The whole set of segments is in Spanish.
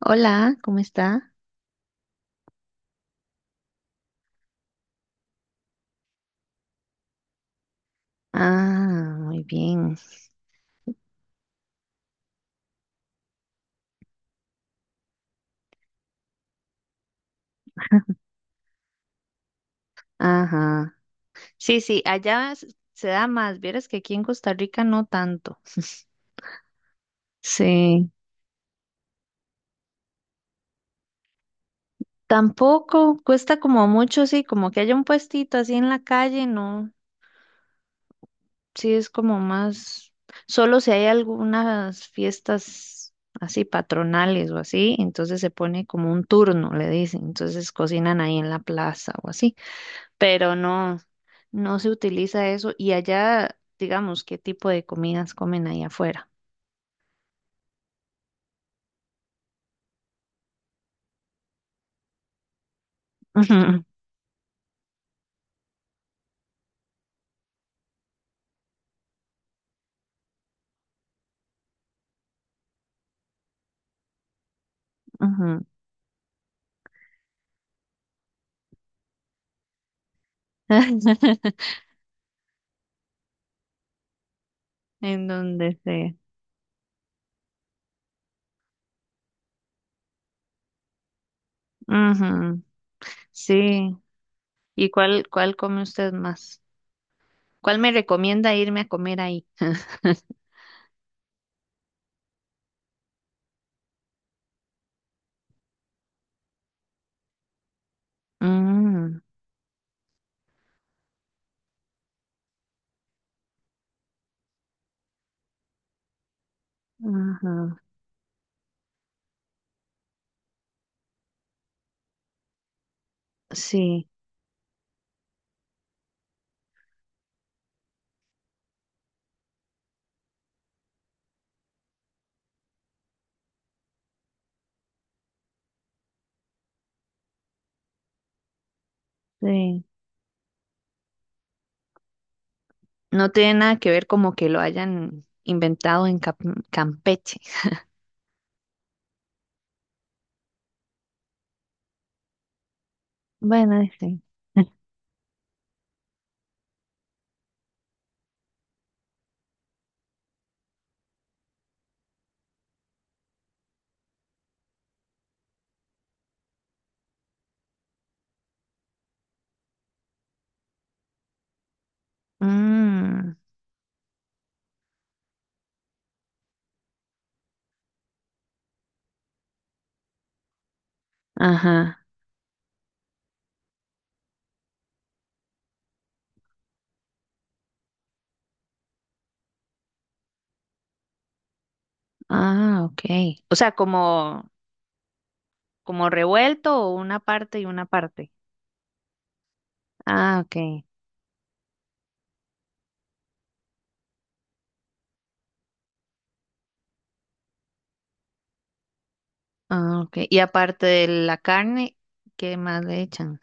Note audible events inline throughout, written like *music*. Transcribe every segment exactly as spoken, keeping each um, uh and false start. Hola, ¿cómo está? Ah, muy bien. Ajá. Sí, sí, allá s- se da más. Vieras que aquí en Costa Rica no tanto. *laughs* Sí. Tampoco cuesta como mucho, sí, como que haya un puestito así en la calle, no. Sí, es como más. Solo si hay algunas fiestas así patronales o así, entonces se pone como un turno, le dicen. Entonces cocinan ahí en la plaza o así. Pero no. No se utiliza eso. Y allá, digamos, ¿qué tipo de comidas comen ahí afuera? Ujú, ujú. *laughs* En donde sea. Ujú, sí. ¿Y cuál, cuál come usted más? ¿Cuál me recomienda irme a comer ahí? *laughs* Mm, ajá, sí, sí. No tiene nada que ver como que lo hayan inventado en Cap- Campeche. Bueno, sí. *laughs* Mm, ajá. Ah, ok. O sea, como como revuelto o una parte y una parte. Ah, ok. Ah, ok. Y aparte de la carne, ¿qué más le echan?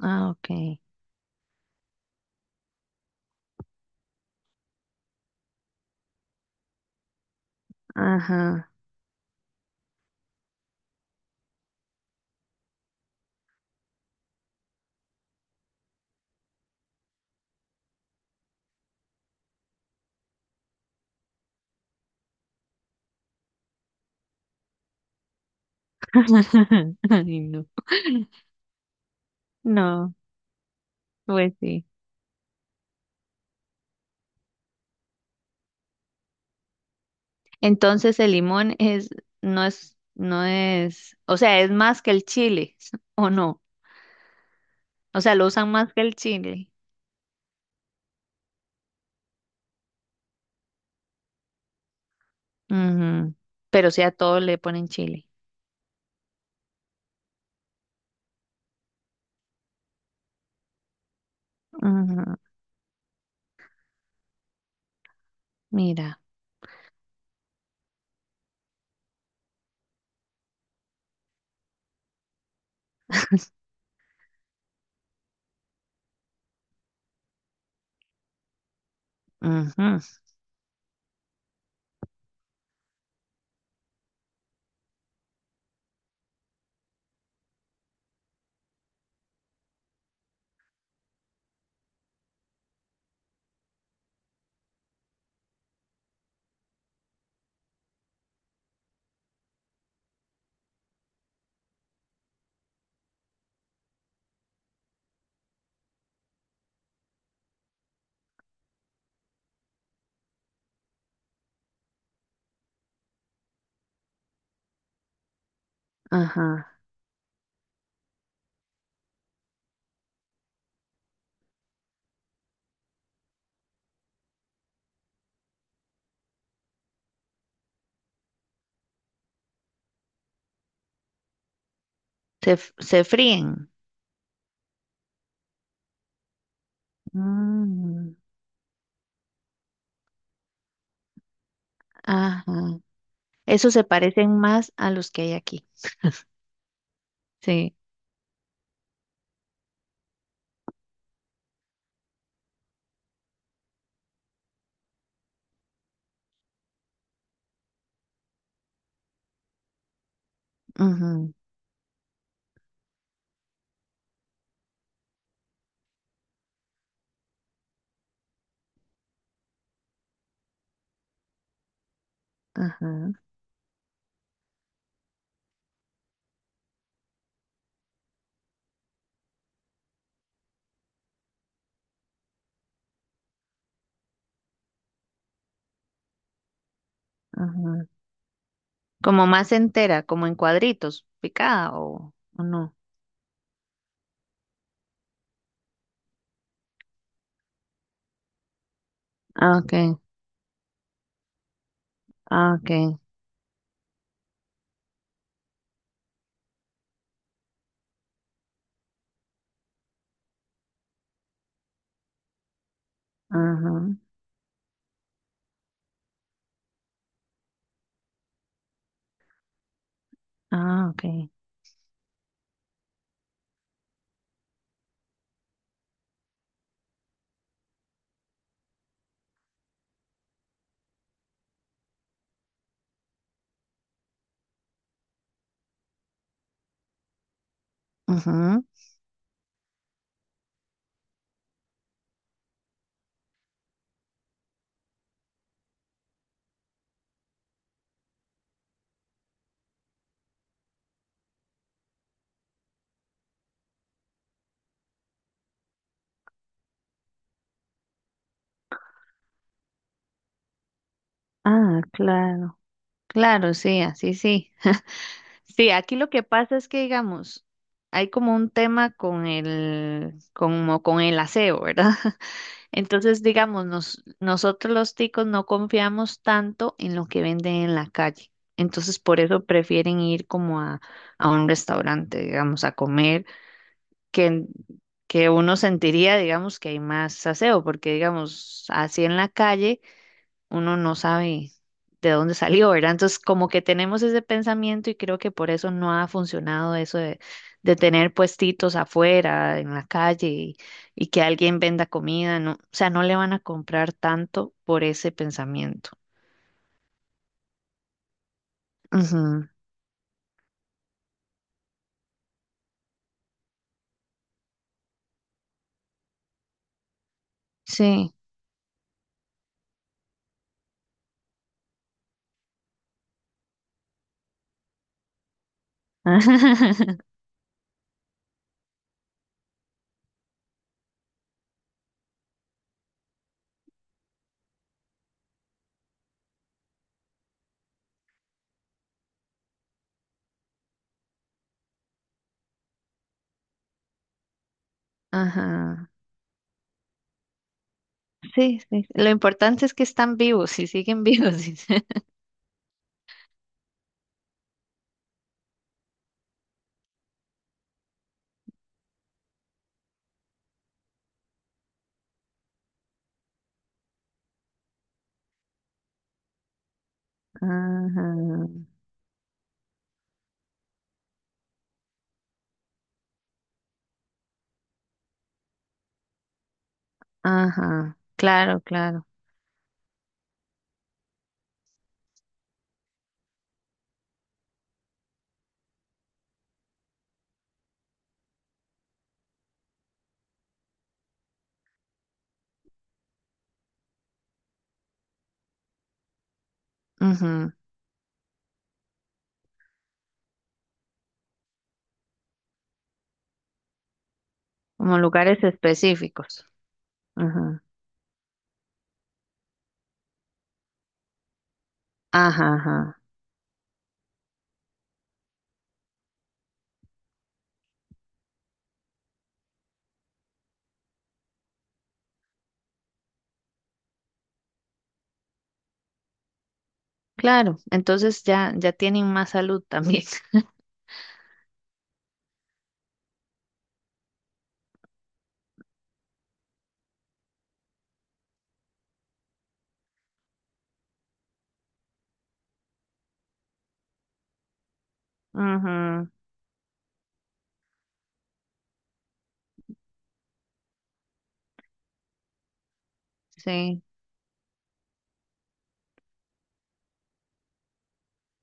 Ah, ok. Ajá. *laughs* Ay, no. No, pues sí. Entonces el limón es, no es, no es, o sea, es más que el chile, *laughs* ¿o no? O sea, lo usan más que el chile. Ujú. Pero sí a todo le ponen chile. Ujú. Mira. Ujú. Ajá. Se, f- se fríen. Mm, ajá. Esos se parecen más a los que hay aquí. Sí. Ujú, ajá, ajá. Como más entera, como en cuadritos, picada o, o no. Ah, okay. Ah, okay. Ajá. Ah, okay. Ujú. Ah, claro. Claro, sí, así sí. *laughs* Sí, aquí lo que pasa es que, digamos, hay como un tema con el, como con el aseo, ¿verdad? *laughs* Entonces, digamos, nos- nosotros los ticos no confiamos tanto en lo que venden en la calle. Entonces, por eso prefieren ir como a, a un restaurante, digamos, a comer, que, que uno sentiría, digamos, que hay más aseo, porque, digamos, así en la calle uno no sabe de dónde *laughs* salió, ¿verdad? Entonces, como que tenemos ese pensamiento y creo que por eso no ha funcionado eso de, de tener puestitos afuera, en la calle y, y que alguien venda comida, no, o sea, no le van a comprar tanto por ese pensamiento. Ujú, sí. *laughs* Ajá. Sí, sí, sí. Lo importante es que están vivos y siguen vivos, dice. *laughs* Ajá. Ajá. Claro, claro. Ujú. Como lugares específicos. Ajá. Ajá, ajá. Claro, entonces ya, ya tienen más salud también. *laughs* Ujú, sí,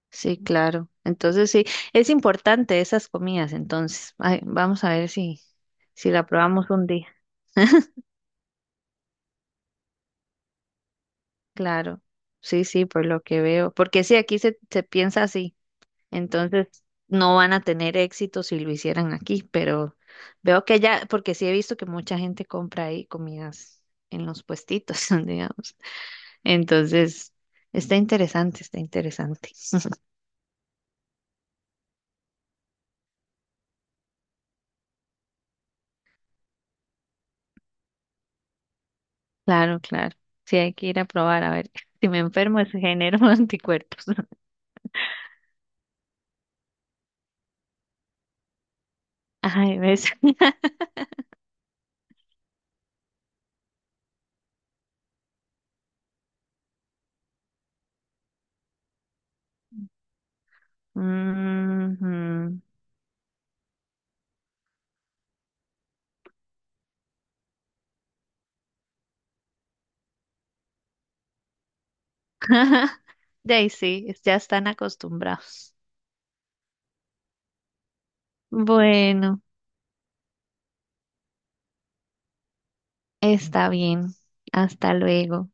sí, claro. Entonces sí, es importante esas comidas, entonces. Ay, vamos a ver si, si la probamos un día. Claro, sí, sí, por lo que veo. Porque sí, aquí se, se piensa así, entonces no van a tener éxito si lo hicieran aquí, pero veo que ya, porque sí he visto que mucha gente compra ahí comidas en los puestitos, *laughs* digamos. Entonces, está interesante, está interesante. *laughs* Claro, claro. Sí, hay que ir a probar, a ver. *laughs* Si me enfermo, es genero *laughs* anticuerpos. Ay, ves. *laughs* Ujú. *laughs* De ahí sí, ya están acostumbrados. Bueno, está bien. Hasta luego.